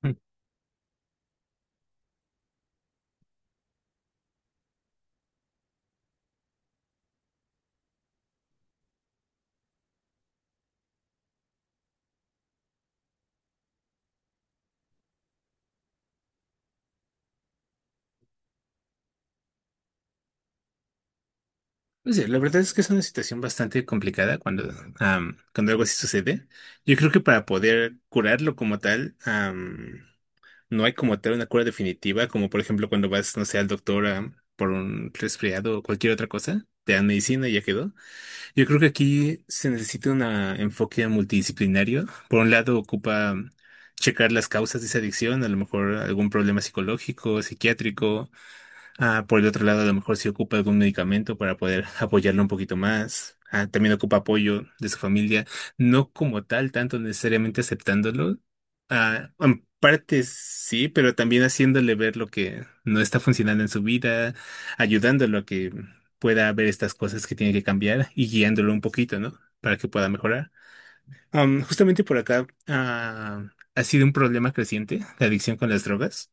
Pues sí, la verdad es que es una situación bastante complicada cuando, cuando algo así sucede. Yo creo que para poder curarlo como tal, no hay como tal una cura definitiva, como por ejemplo cuando vas, no sé, al doctor por un resfriado o cualquier otra cosa, te dan medicina y ya quedó. Yo creo que aquí se necesita un enfoque multidisciplinario. Por un lado, ocupa checar las causas de esa adicción, a lo mejor algún problema psicológico, psiquiátrico. Por el otro lado, a lo mejor si ocupa algún medicamento para poder apoyarlo un poquito más. También ocupa apoyo de su familia, no como tal, tanto necesariamente aceptándolo. En parte sí, pero también haciéndole ver lo que no está funcionando en su vida, ayudándolo a que pueda ver estas cosas que tiene que cambiar y guiándolo un poquito, ¿no? Para que pueda mejorar. Justamente por acá ha sido un problema creciente la adicción con las drogas.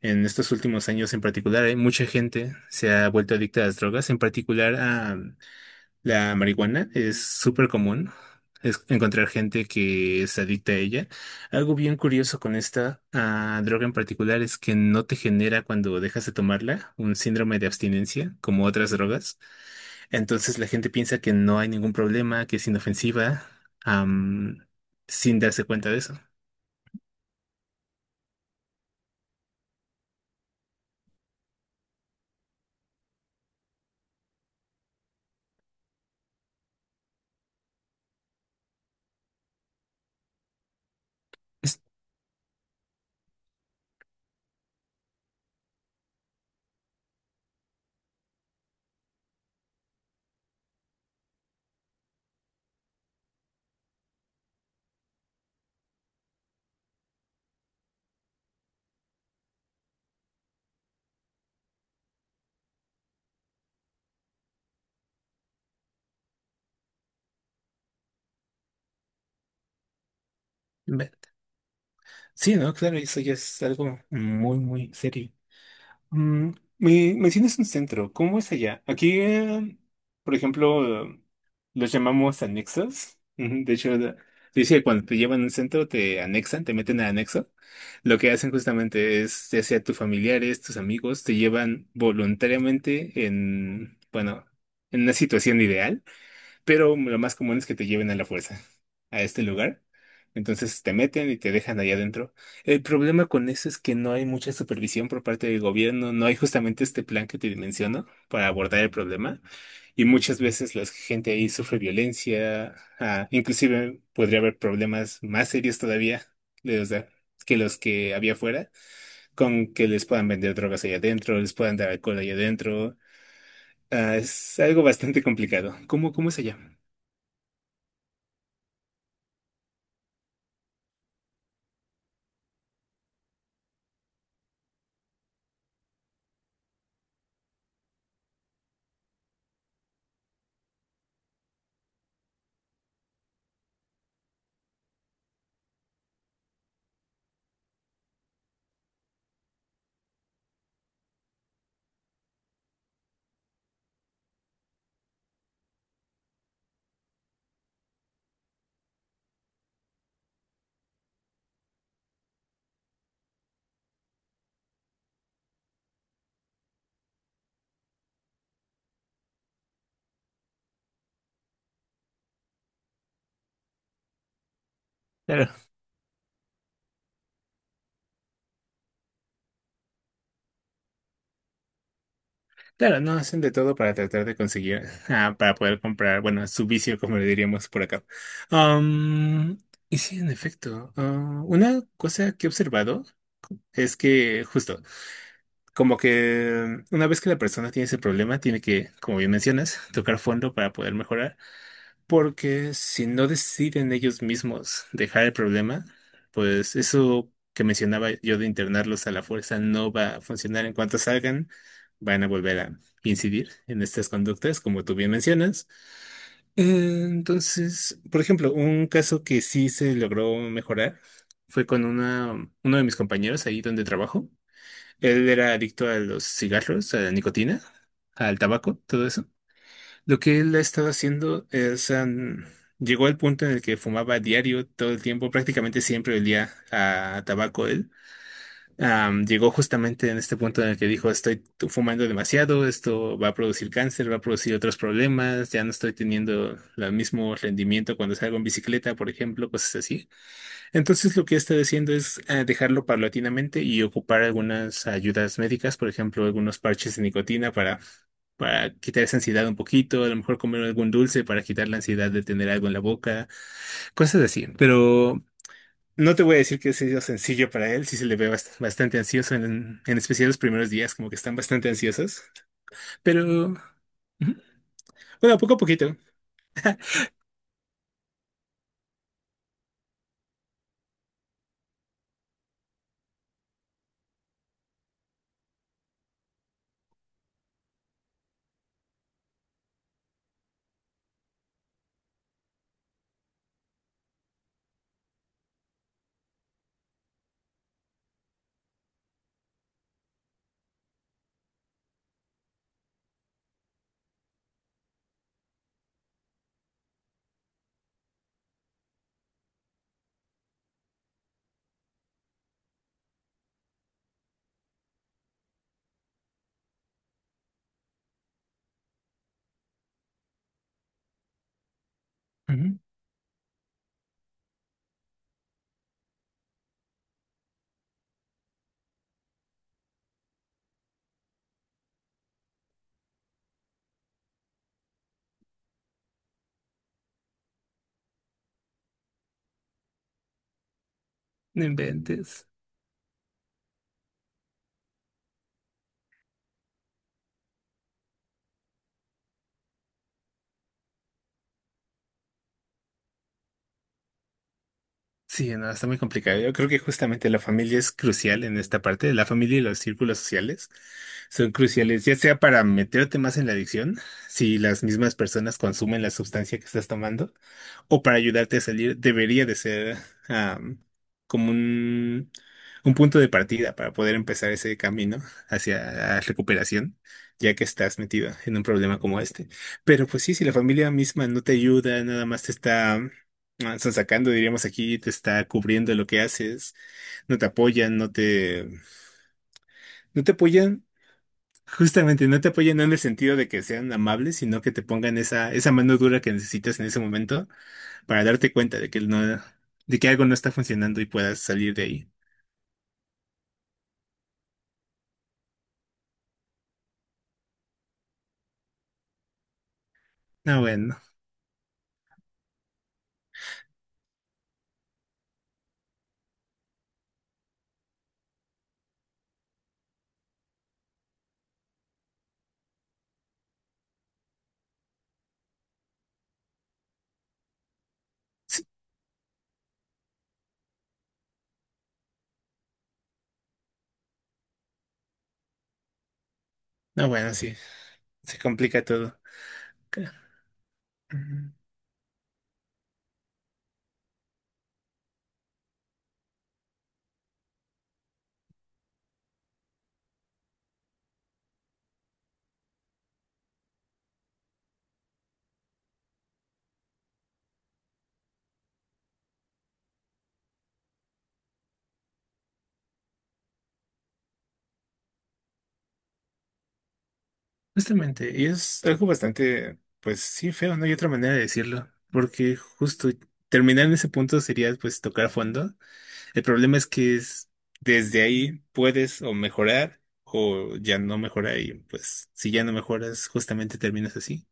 En estos últimos años en particular, hay mucha gente se ha vuelto adicta a las drogas, en particular a la marihuana. Es súper común encontrar gente que es adicta a ella. Algo bien curioso con esta droga en particular es que no te genera cuando dejas de tomarla un síndrome de abstinencia como otras drogas. Entonces la gente piensa que no hay ningún problema, que es inofensiva, am, sin darse cuenta de eso. ve- Sí, ¿no? Claro, eso ya es algo muy, muy serio. Mm, me mencionas un centro, ¿cómo es allá? Aquí, por ejemplo, los llamamos anexos. Ujú. De hecho, se dice que cuando te llevan a un centro te anexan, te meten a anexo. Lo que hacen justamente es, ya sea tus familiares, tus amigos, te llevan voluntariamente en, bueno, en una situación ideal, pero lo más común es que te lleven a la fuerza a este lugar. Entonces te meten y te dejan allá adentro. El problema con eso es que no hay mucha supervisión por parte del gobierno, no hay justamente este plan que te menciono para abordar el problema. Y muchas veces la gente ahí sufre violencia, inclusive podría haber problemas más serios todavía de los de- que los que había afuera, con que les puedan vender drogas allá adentro, les puedan dar alcohol allá adentro. Es algo bastante complicado. ¿Cómo, cómo es allá? Claro, no, hacen de todo para tratar de conseguir, para poder comprar, bueno, su vicio, como le diríamos por acá. Am, y sí, en efecto, una cosa que he observado es que justo, como que una vez que la persona tiene ese problema, tiene que, como bien mencionas, tocar fondo para poder mejorar. Porque si no deciden ellos mismos dejar el problema, pues eso que mencionaba yo de internarlos a la fuerza no va a funcionar. En cuanto salgan, van a volver a incidir en estas conductas, como tú bien mencionas. Entonces, por ejemplo, un caso que sí se logró mejorar fue con una, uno de mis compañeros ahí donde trabajo. Él era adicto a los cigarros, a la nicotina, al tabaco, todo eso. Lo que él ha estado haciendo es, llegó al punto en el que fumaba diario todo el tiempo, prácticamente siempre olía a tabaco él. Llegó justamente en este punto en el que dijo, estoy fumando demasiado, esto va a producir cáncer, va a producir otros problemas, ya no estoy teniendo el mismo rendimiento cuando salgo en bicicleta, por ejemplo, cosas así. Entonces lo que está diciendo es dejarlo paulatinamente y ocupar algunas ayudas médicas, por ejemplo, algunos parches de nicotina para quitar esa ansiedad un poquito, a lo mejor comer algún dulce para quitar la ansiedad de tener algo en la boca, cosas así, ¿no? Pero no te voy a decir que sea sencillo para él, sí se le ve bastante ansioso, en especial los primeros días, como que están bastante ansiosos. Pero, ujú, bueno, poco a poquito. Ujú. No inventes. Sí, no, está muy complicado. Yo creo que justamente la familia es crucial en esta parte. La familia y los círculos sociales son cruciales, ya sea para meterte más en la adicción, si las mismas personas consumen la sustancia que estás tomando, o para ayudarte a salir. Debería de ser am, como un punto de partida para poder empezar ese camino hacia la recuperación, ya que estás metido en un problema como este. Pero pues sí, si la familia misma no te ayuda, nada más te está están sacando, diríamos aquí, te está cubriendo lo que haces, no te apoyan, no te apoyan, justamente no te apoyan no en el sentido de que sean amables, sino que te pongan esa, esa mano dura que necesitas en ese momento para darte cuenta de que no, de que algo no está funcionando y puedas salir de ahí. No, bueno, sí, no, bueno, sí, se complica todo. Ca- Ujú. Justamente, y es algo bastante, pues sí, feo, no hay otra manera de decirlo, porque justo terminar en ese punto sería pues tocar fondo. El problema es que es desde ahí puedes o mejorar o ya no mejorar y pues si ya no mejoras justamente terminas así.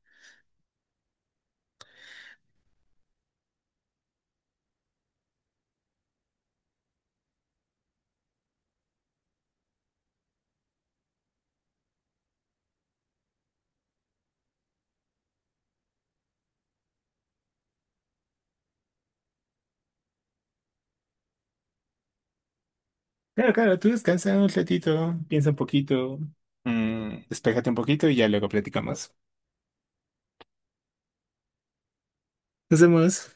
Claro, claro, tú descansa un ratito, piensa un poquito, mm, despéjate un poquito y ya luego platicamos. Nos vemos.